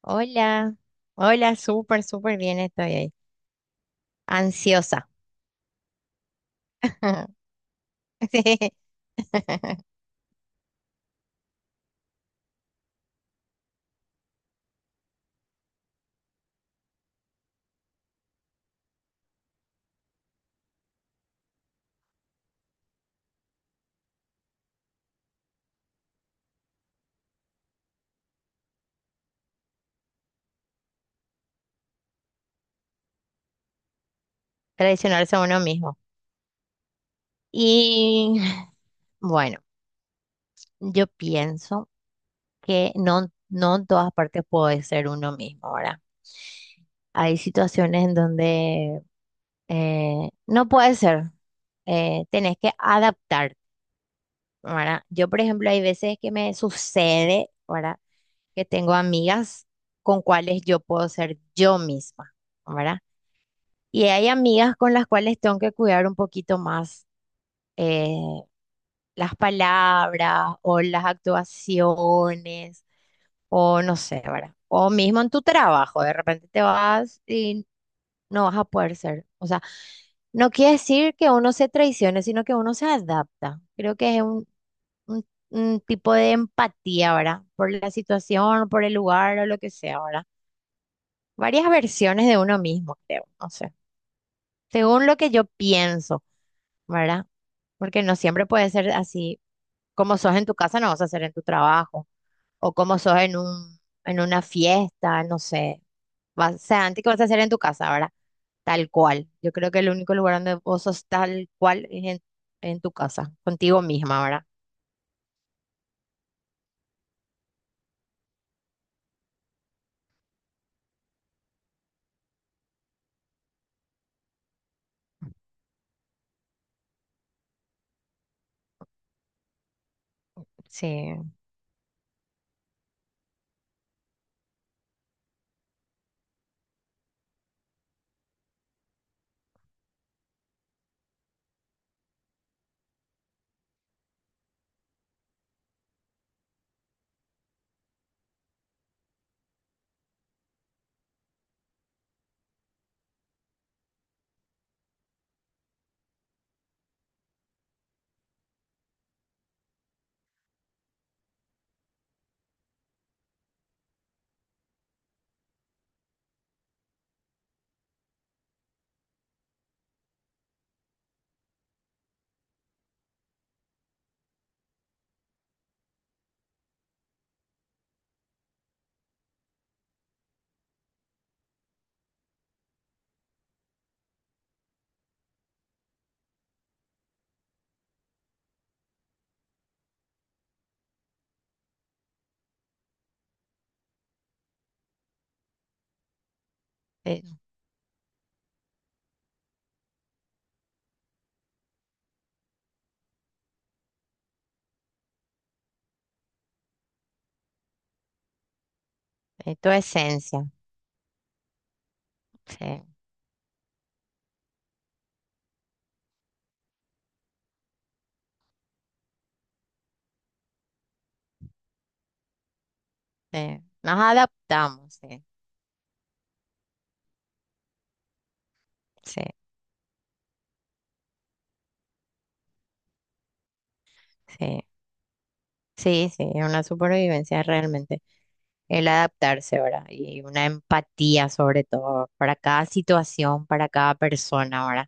Hola, hola, súper, súper bien estoy ahí. Ansiosa. Sí, traicionarse a uno mismo. Y bueno, yo pienso que no, no en todas partes puede ser uno mismo ahora. Hay situaciones en donde no puede ser. Tenés que adaptarte, ¿verdad? Yo, por ejemplo, hay veces que me sucede, ¿verdad? Que tengo amigas con cuales yo puedo ser yo misma, ¿verdad? Y hay amigas con las cuales tengo que cuidar un poquito más eh, las palabras o las actuaciones o no sé, ¿verdad? O mismo en tu trabajo, de repente te vas y no vas a poder ser. O sea, no quiere decir que uno se traicione, sino que uno se adapta. Creo que es un tipo de empatía, ¿verdad? Por la situación, por el lugar o lo que sea, ¿verdad? Varias versiones de uno mismo, creo, no sé. Según lo que yo pienso. ¿Verdad? Porque no siempre puede ser así. Como sos en tu casa, no vas a ser en tu trabajo. O como sos en en una fiesta, no sé. Vas, o sea, antes que vas a hacer en tu casa, ¿verdad? Tal cual. Yo creo que el único lugar donde vos sos tal cual es en tu casa, contigo misma, ¿verdad? Sí, es, es tu esencia. Sí, sí. Nos adaptamos, sí, sí, sí. Sí, sí, es una supervivencia realmente. El adaptarse, ¿verdad? Y una empatía sobre todo para cada situación, para cada persona, ¿verdad?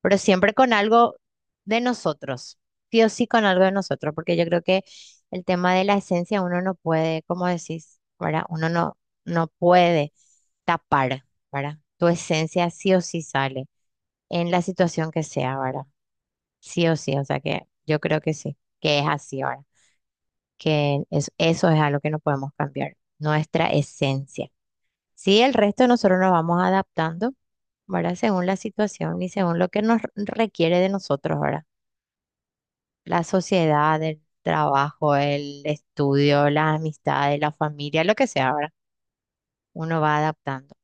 Pero siempre con algo de nosotros, sí o sí con algo de nosotros, porque yo creo que el tema de la esencia uno no puede, como decís, ¿verdad? Uno no, no puede tapar, ¿verdad? Tu esencia sí o sí sale en la situación que sea, ¿verdad? Sí o sí, o sea que yo creo que sí, que es así, ¿verdad? Eso es algo que no podemos cambiar, nuestra esencia. Sí, el resto nosotros nos vamos adaptando, ¿verdad? Según la situación y según lo que nos requiere de nosotros, ¿verdad? La sociedad, el trabajo, el estudio, las amistades, la familia, lo que sea, ¿verdad? Uno va adaptando.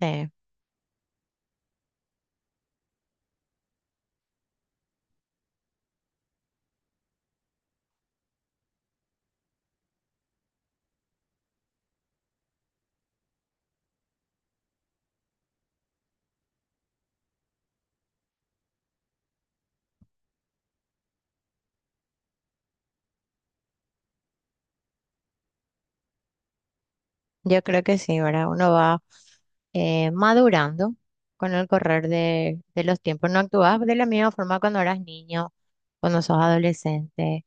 Sí, yo creo que sí, ¿verdad? Uno va madurando con el correr de los tiempos. No actúas de la misma forma cuando eras niño, cuando sos adolescente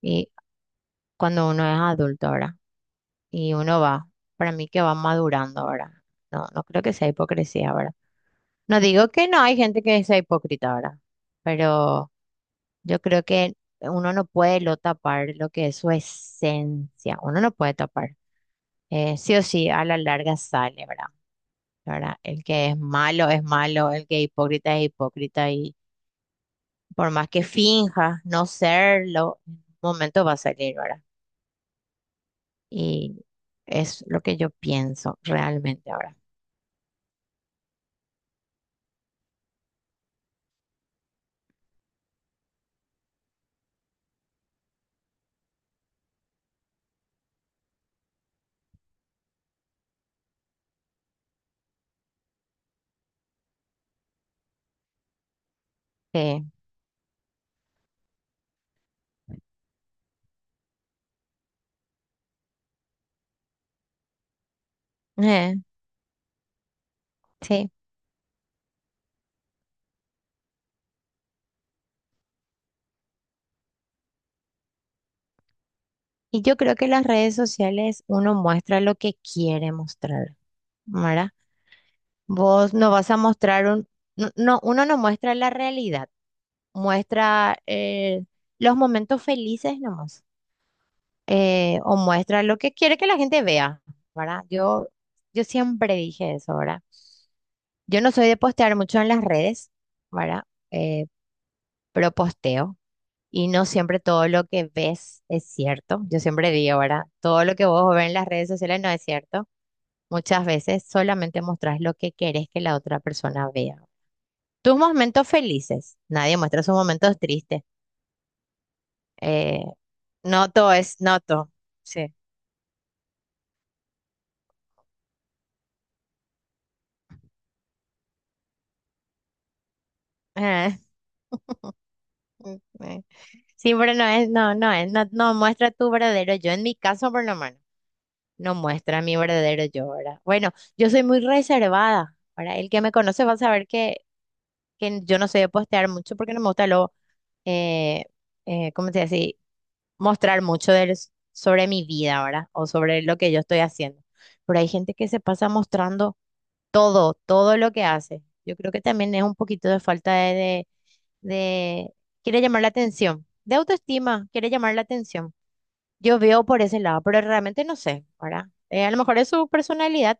y cuando uno es adulto, ¿verdad? Y uno va, para mí que va madurando ahora. No, no creo que sea hipocresía ahora. No digo que no hay gente que sea hipócrita ahora, pero yo creo que uno no puede lo tapar lo que es su esencia, uno no puede tapar. Sí o sí, a la larga sale, ¿verdad? ¿Verdad? El que es malo, el que es hipócrita y por más que finjas no serlo, en un momento va a salir, ¿verdad? Y es lo que yo pienso realmente ahora. Sí, eh, sí. Y yo creo que las redes sociales uno muestra lo que quiere mostrar, ¿verdad? Vos no vas a mostrar un... No, no, uno no muestra la realidad, muestra los momentos felices nomás, o muestra lo que quiere que la gente vea, ¿verdad? Yo siempre dije eso, ¿verdad? Yo no soy de postear mucho en las redes, ¿verdad? Eh, pero posteo. Y no siempre todo lo que ves es cierto. Yo siempre digo, ¿verdad? Todo lo que vos ves en las redes sociales no es cierto. Muchas veces solamente mostrás lo que querés que la otra persona vea. Tus momentos felices. Nadie muestra sus momentos tristes. Eh, no todo es, no todo. Sí. Eh, mm, eh. Sí, pero no es, no, no es, no, no muestra tu verdadero yo. En mi caso, por lo menos, no muestra mi verdadero yo, ¿verdad? Bueno, yo soy muy reservada. Ahora, el que me conoce va a saber que yo no sé postear mucho porque no me gusta lo, eh, ¿cómo se dice así? Mostrar mucho del- Sobre mi vida, ¿verdad? O sobre lo que yo estoy haciendo. Pero hay gente que se pasa mostrando todo, todo lo que hace. Yo creo que también es un poquito de de- quiere llamar la atención, de autoestima, quiere llamar la atención. Yo veo por ese lado, pero realmente no sé, ¿verdad? A lo mejor es su personalidad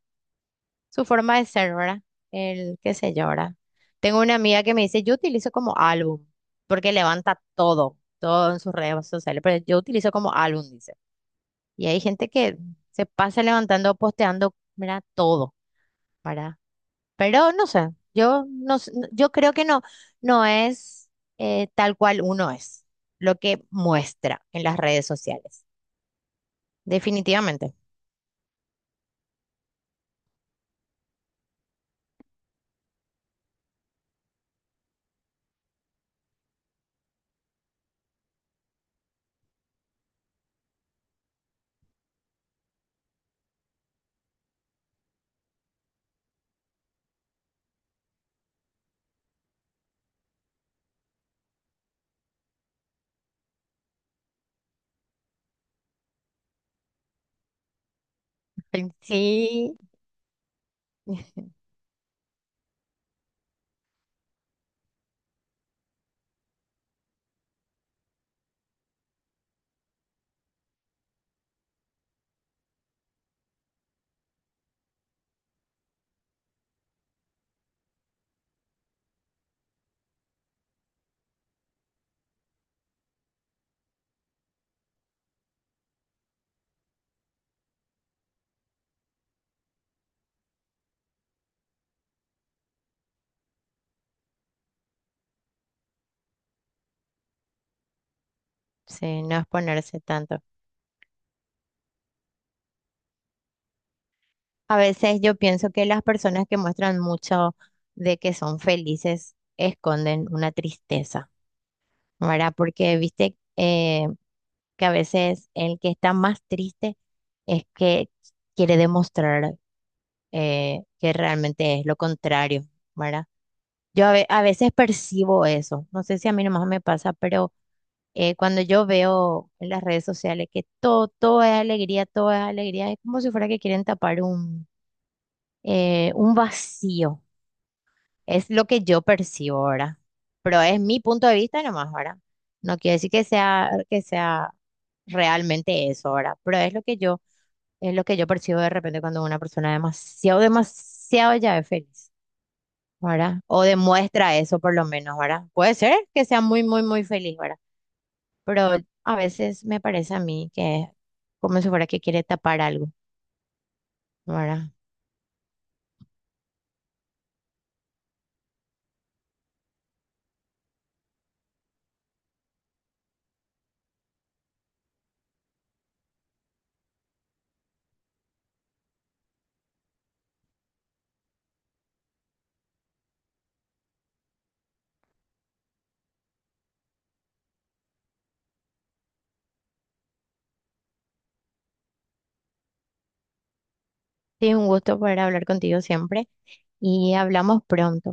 su forma de ser, ¿verdad? El qué sé yo, ¿verdad? Tengo una amiga que me dice, yo utilizo como álbum, porque levanta todo, todo en sus redes sociales, pero yo utilizo como álbum, dice. Y hay gente que se pasa levantando, posteando, mira, todo, ¿verdad? Pero no sé, yo creo que no, no es tal cual uno es, lo que muestra en las redes sociales, definitivamente. Sí, sí, no es ponerse tanto. A veces yo pienso que las personas que muestran mucho de que son felices esconden una tristeza, ¿verdad? Porque viste que a veces el que está más triste es que quiere demostrar que realmente es lo contrario, ¿verdad? A veces percibo eso, no sé si a mí nomás me pasa, pero cuando yo veo en las redes sociales que todo, todo es alegría, es como si fuera que quieren tapar un vacío. Es lo que yo percibo ahora. Pero es mi punto de vista nomás ahora. No quiere decir que sea realmente eso ahora. Pero es lo que yo, es lo que yo percibo de repente cuando una persona demasiado, demasiado ya es feliz, ¿verdad? O demuestra eso por lo menos, ¿verdad? Puede ser que sea muy, muy, muy feliz, ¿verdad? Pero a veces me parece a mí que es como si fuera que quiere tapar algo, ¿verdad? Sí, un gusto poder hablar contigo siempre y hablamos pronto.